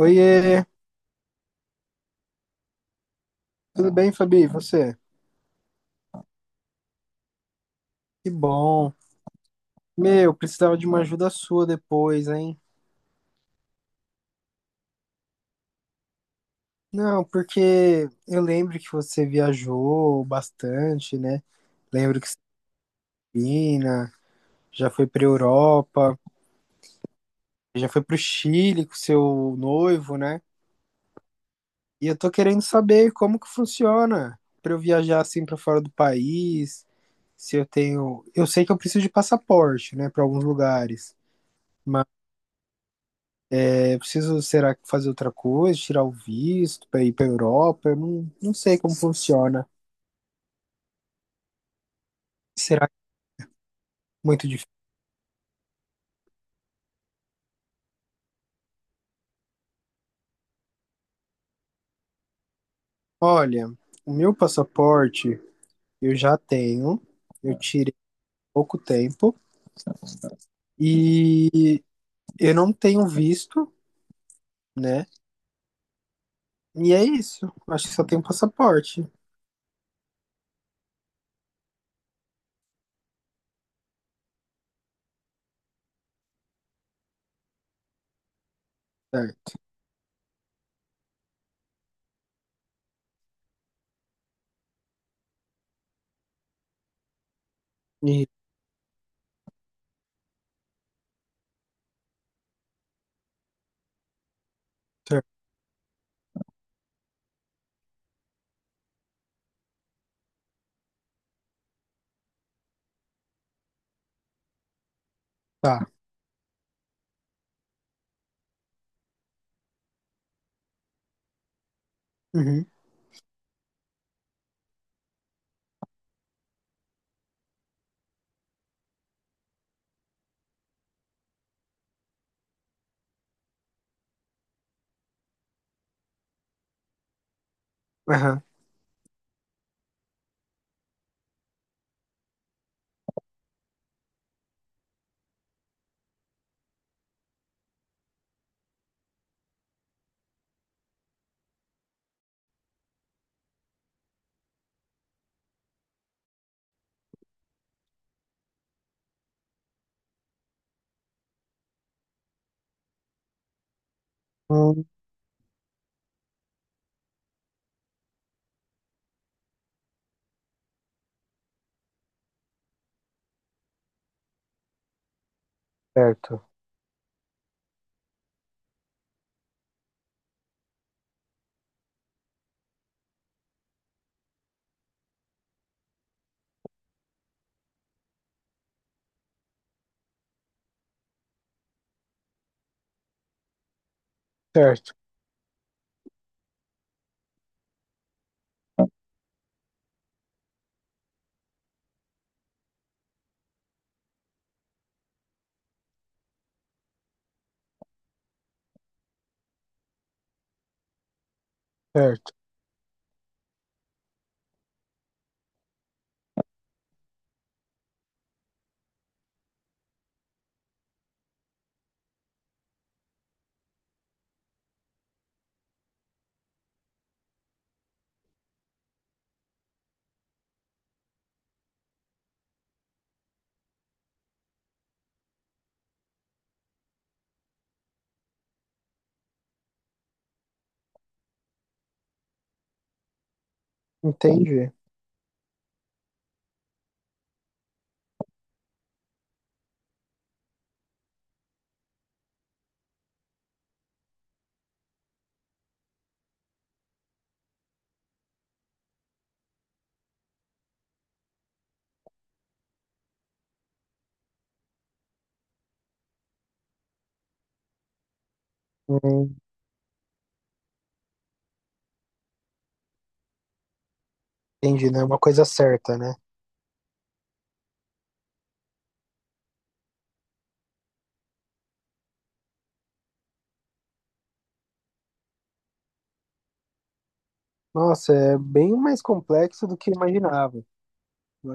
Oiê, tudo bem, Fabi? E você? Que bom. Meu, precisava de uma ajuda sua depois, hein? Não, porque eu lembro que você viajou bastante, né? Lembro que você é Pina, já foi pra Europa, já foi pro Chile com seu noivo, né? E eu tô querendo saber como que funciona pra eu viajar assim pra fora do país, se eu tenho, eu sei que eu preciso de passaporte, né, pra alguns lugares. Eu preciso, será que fazer outra coisa, tirar o visto para ir para Europa? Eu não sei como funciona. Será que é muito difícil? Olha, o meu passaporte eu já tenho, eu tirei há pouco tempo e eu não tenho visto, né? E é isso. Acho que só tenho passaporte. Certo. E, certo. Tá. Uhum. Aham. Hum, certo. Certo. Certo. Entendi. Hum, entendi, né? Uma coisa certa, né? Nossa, é bem mais complexo do que eu imaginava. Eu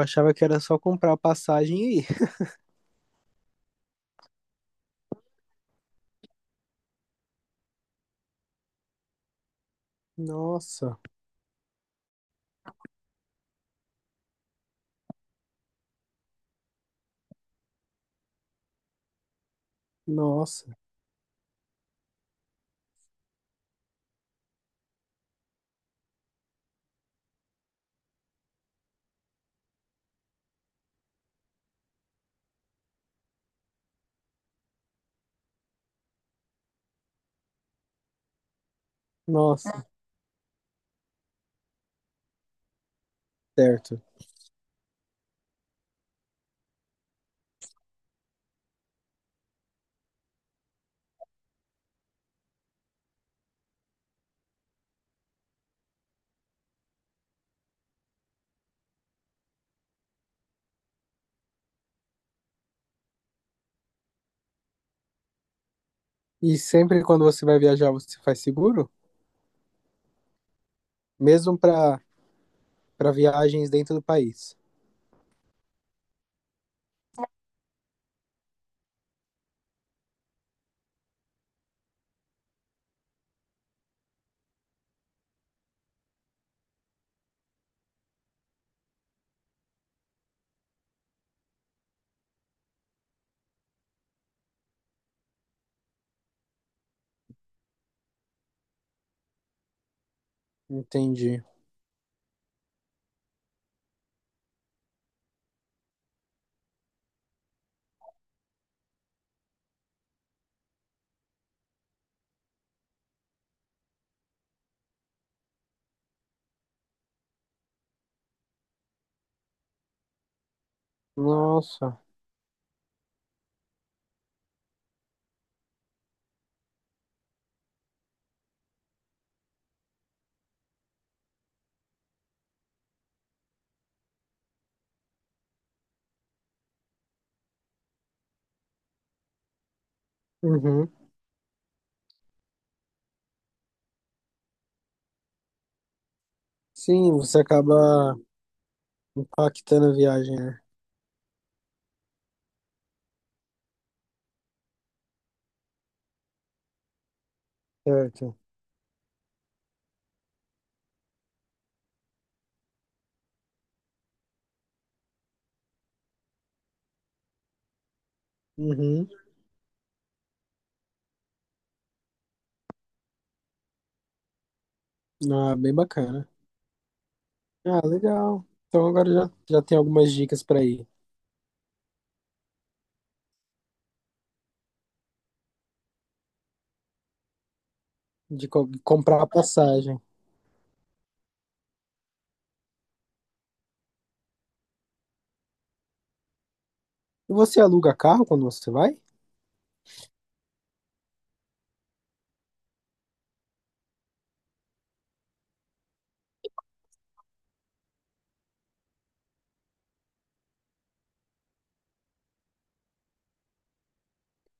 achava que era só comprar a passagem e ir. Nossa, nossa, nossa, certo. E sempre quando você vai viajar, você faz seguro? Mesmo para viagens dentro do país. Entendi. Nossa. Uhum. Sim, você acaba impactando a viagem, né? Certo. Uhum. Ah, bem bacana. Ah, legal. Então agora já tem algumas dicas para ir de comprar a passagem. E você aluga carro quando você vai?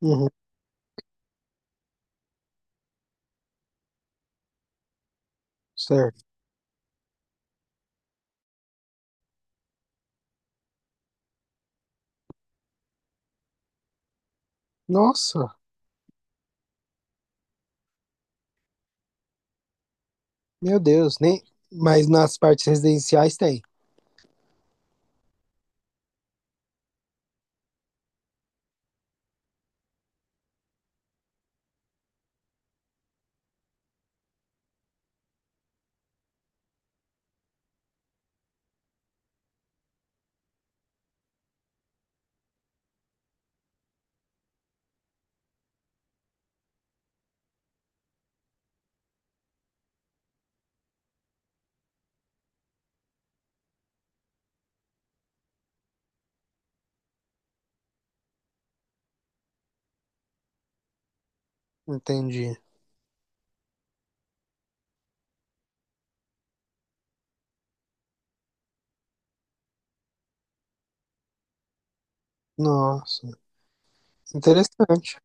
Uhum, certo. Nossa, meu Deus, nem. Mas nas partes residenciais tem. Entendi. Nossa, interessante.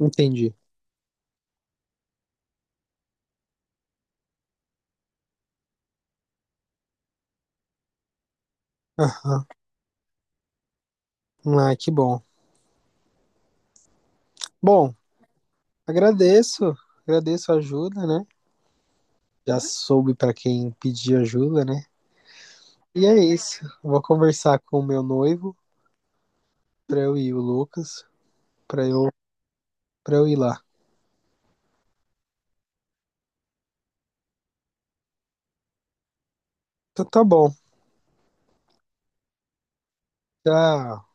Entendi. Aham. Ah, que bom. Bom, agradeço, agradeço a ajuda, né? Já soube para quem pedir ajuda, né? E é isso. Vou conversar com o meu noivo para eu ir, o Lucas, para eu, para eu ir lá. Então tá bom. Tchau.